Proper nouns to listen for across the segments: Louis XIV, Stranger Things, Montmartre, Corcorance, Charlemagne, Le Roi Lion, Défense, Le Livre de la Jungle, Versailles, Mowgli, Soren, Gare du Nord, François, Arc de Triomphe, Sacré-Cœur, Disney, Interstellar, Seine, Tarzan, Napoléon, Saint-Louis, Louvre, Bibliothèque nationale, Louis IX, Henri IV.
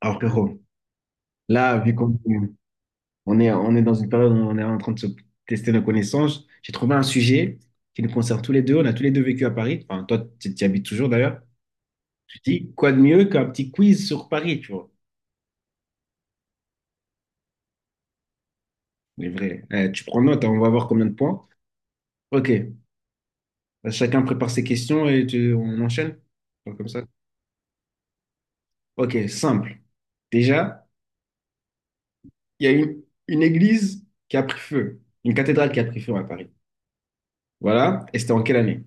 Alors, frérot, là, vu qu'on on est dans une période où on est en train de se tester nos connaissances, j'ai trouvé un sujet qui nous concerne tous les deux. On a tous les deux vécu à Paris. Enfin, toi, tu y habites toujours d'ailleurs. Je dis, quoi de mieux qu'un petit quiz sur Paris, tu vois? Mais vrai. Eh, tu prends note, hein, on va voir combien de points. Ok. Chacun prépare ses questions et on enchaîne. Donc, comme ça. Ok, simple. Déjà, il y a une église qui a pris feu. Une cathédrale qui a pris feu à Paris. Voilà. Et c'était en quelle année?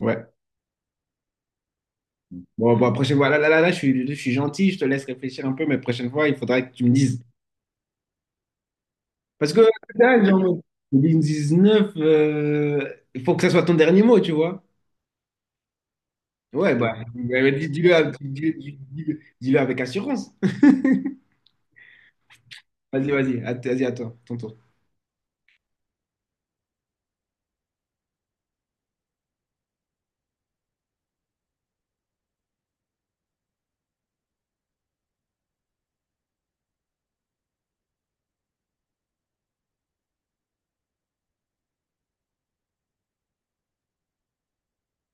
Ouais. Bon, bah, prochaine fois, je suis gentil, je te laisse réfléchir un peu, mais prochaine fois, il faudra que tu me dises. Parce que là, genre, 2019, il faut que ça soit ton dernier mot, tu vois. Ouais, bah, dis- dis-le avec dis- dis- dis- dis-le avec assurance. Vas-y, à toi, ton tour.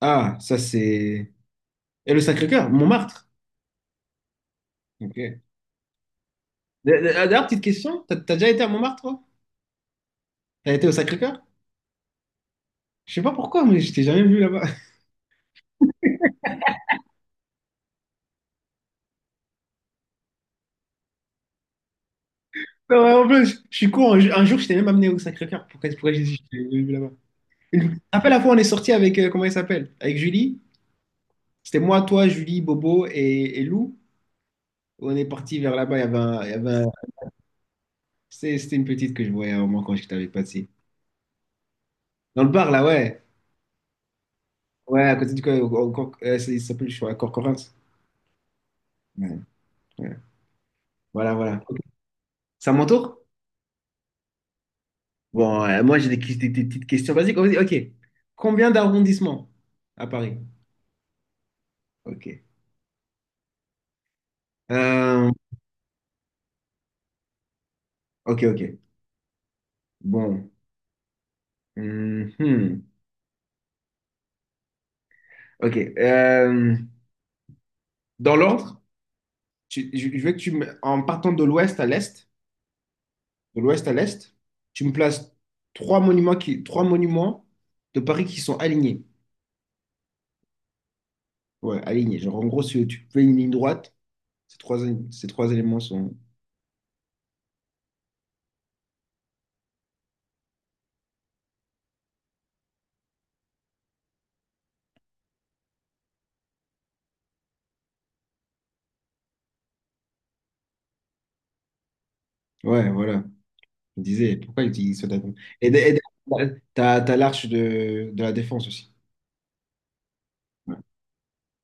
Ah, ça, c'est. Et le Sacré-Cœur, Montmartre. Ok. D'ailleurs, petite question, t'as déjà été à Montmartre, toi? T'as été au Sacré-Cœur? Je sais pas pourquoi, mais je t'ai jamais vu là-bas. Non, ouais, en plus, je suis con. Un jour, je t'ai même amené au Sacré-Cœur. Pourquoi j'ai dit que je t'ai jamais vu là-bas? Une... Après la fois, on est sorti avec, comment il s'appelle? Avec Julie. C'était moi, toi, Julie, Bobo et Lou. On est parti vers là-bas. Il y avait un- il y avait un- c'est- C'était une petite que je voyais à un moment quand j'étais avec Patsy. Dans le bar, là, ouais. Ouais, à côté du. Co- au- au- cor- c'est- Il s'appelle, je crois, Corcorance. Ouais, ouais. Voilà, voilà. Ok. C'est à mon tour? Bon, moi, j'ai des, qui- des petites questions basiques. Vas-y, ok. Combien d'arrondissements à Paris? Ok. Euh, ok, ok. Bon. Mhm. Ok. Dans l'ordre? Je veux que tu me, en partant de l'ouest à l'est, de l'ouest à l'est, tu me places trois monuments de Paris qui sont alignés. Ouais, alignés. Genre, en gros, si tu fais une ligne droite, ces trois, ces trois éléments sont. Ouais, voilà. Je me disais, pourquoi ils utilisent ça d'accord. Et, de- et de- t'as l'arche de la Défense aussi. Ouais.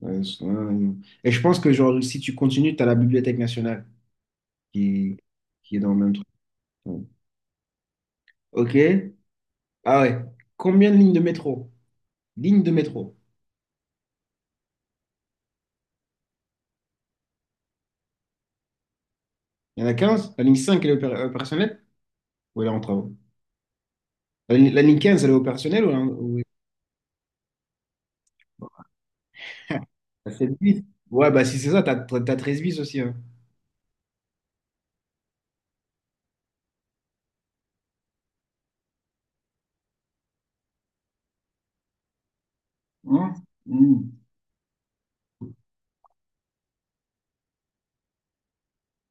Ouais. Et je pense que, genre, si tu continues, t'as la Bibliothèque nationale qui, qui est dans le même truc. Ouais. Ok. Ah ouais. Combien de lignes de métro? Lignes de métro. Il y en a quinze. La ligne 5 elle est opérationnelle? Ou elle est en travaux? La ligne 15, elle est opérationnelle ou elle est la 7 bis? Ouais, bah si c'est ça, t'as 13 bis aussi. Hein. Hein. Hmm.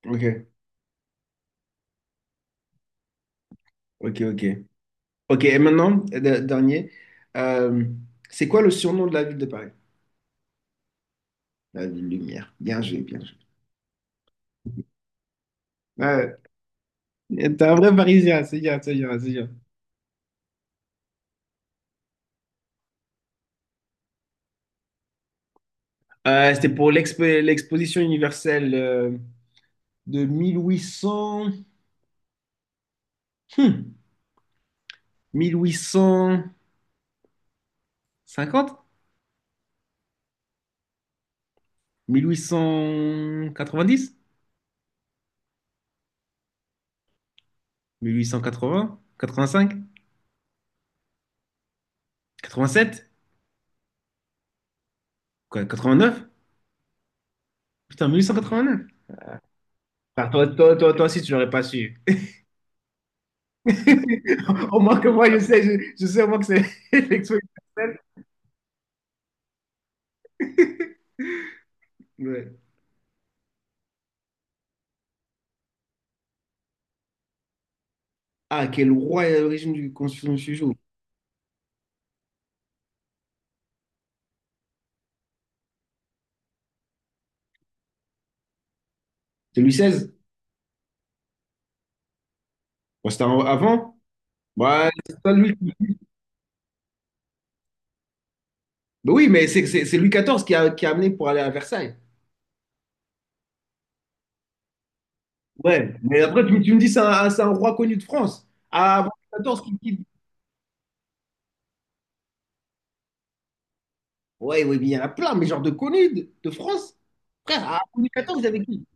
Ok, ok. Ok, et maintenant, dernier, euh, c'est quoi le surnom de la ville de Paris? La ville lumière. Bien joué, bien joué. Ouais, t'es un vrai Parisien, c'est bien, c'est bien. C'était pour l'exposition universelle de 1800... hmm, mille huit cent cinquante. 1890? 1880? 85? 87? Quoi, neuf. Putain, 1889. Ah, toi aussi, tu l'aurais pas su. Au moins que moi, je sais au moins que c'est l'élection universelle. Ouais. Ah, quel roi est à l'origine du Constitution de Chujou? C'est Louis seize. Avant? Ouais, c'est pas lui. Mais oui, mais c'est Louis quatorze qui a amené pour aller à Versailles. Ouais, mais après, tu me dis, c'est un roi connu de France. Ah, avant Louis quatorze qui. Ouais, ouais, mais il y en a plein, mais genre de connus de France. Frère, à Henri XIV, vous avez qui?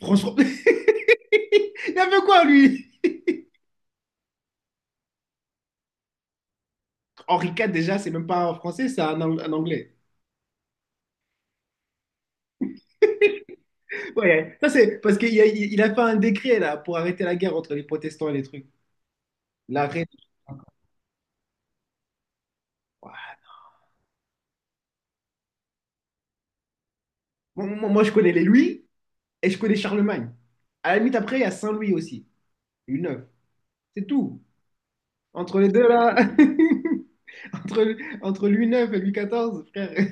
François. Il y avait quoi, lui? Henri IV, déjà, c'est même pas un français, un anglais. Ouais, ça c'est parce qu'il a, il a fait un décret là pour arrêter la guerre entre les protestants et les trucs. L'arrêt. Ouais. Moi, je connais les Louis et je connais Charlemagne. À la limite, après, il y a Saint-Louis aussi. Louis IX. C'est tout. Entre les deux là, entre Louis IX et Louis XIV, frère.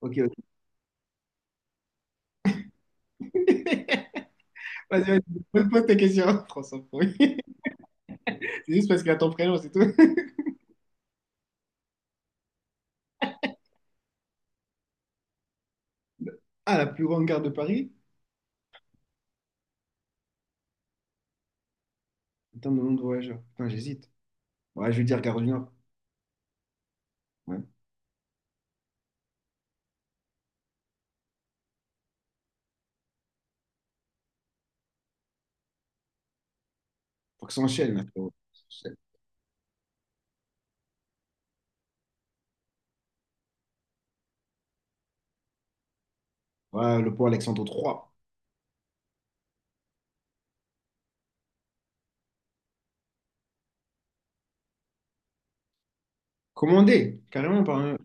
Ok, ok. Pose ta question. François Pourri. C'est juste parce qu'il y a ton prénom, c'est tout. Ah, la plus grande gare de Paris? En termes de nombre de voyageurs. Putain, j'hésite. Ouais, je vais dire Gare du Nord. Ouais. Faut que ça enchaîne, là, frérot. Ça enchaîne. Ouais, le pont Alexandre III. Commandé, carrément par un...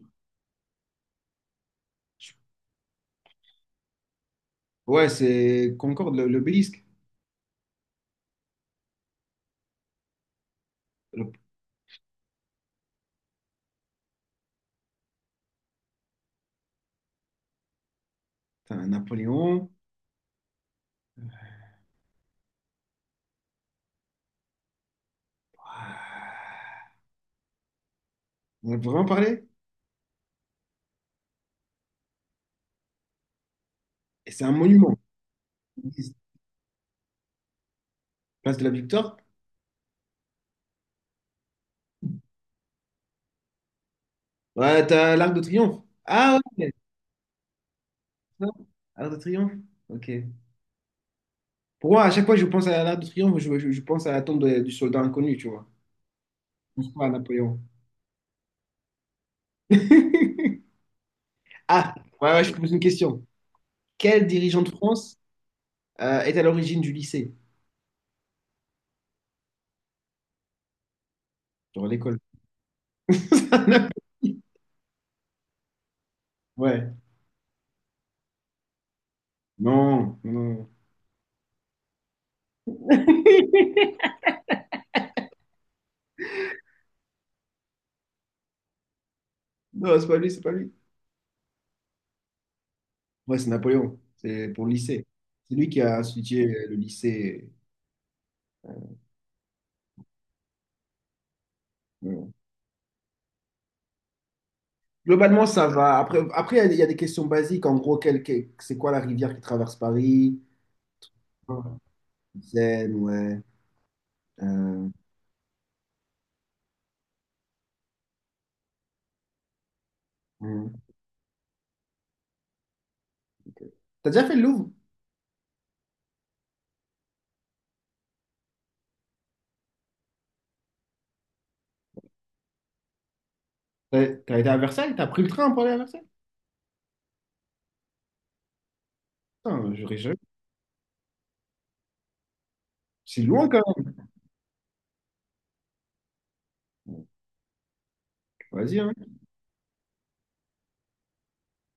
Ouais, c'est Concorde, l'obélisque. Le... Putain, Napoléon. On a vraiment parlé? Et c'est un monument. Place de la Victoire? Ouais, t'as l'Arc de Triomphe. Ah ouais, c'est ça, Arc de Triomphe. Ok. Pour moi, à chaque fois que je pense à l'Arc de Triomphe, je pense à la tombe du soldat inconnu, tu vois. Je pense pas à Napoléon. Ah, ouais, ouais, je te pose une question. Quel dirigeant de France est à l'origine du lycée? Genre l'école. Ouais. Non, non, non. Non, c'est pas lui, c'est pas lui. Ouais, c'est Napoléon. C'est pour le lycée. C'est lui qui a institué le lycée. Bon. Globalement, ça va. Après, il y a des questions basiques. En gros, c'est quoi la rivière qui traverse Paris? Ouais. Seine, ouais. Euh, hum. T'as déjà fait le Louvre? T'as été à Versailles? T'as pris le train pour aller à Versailles? Putain, j'aurais jamais-. C'est loin quand même. Vas-y, hein.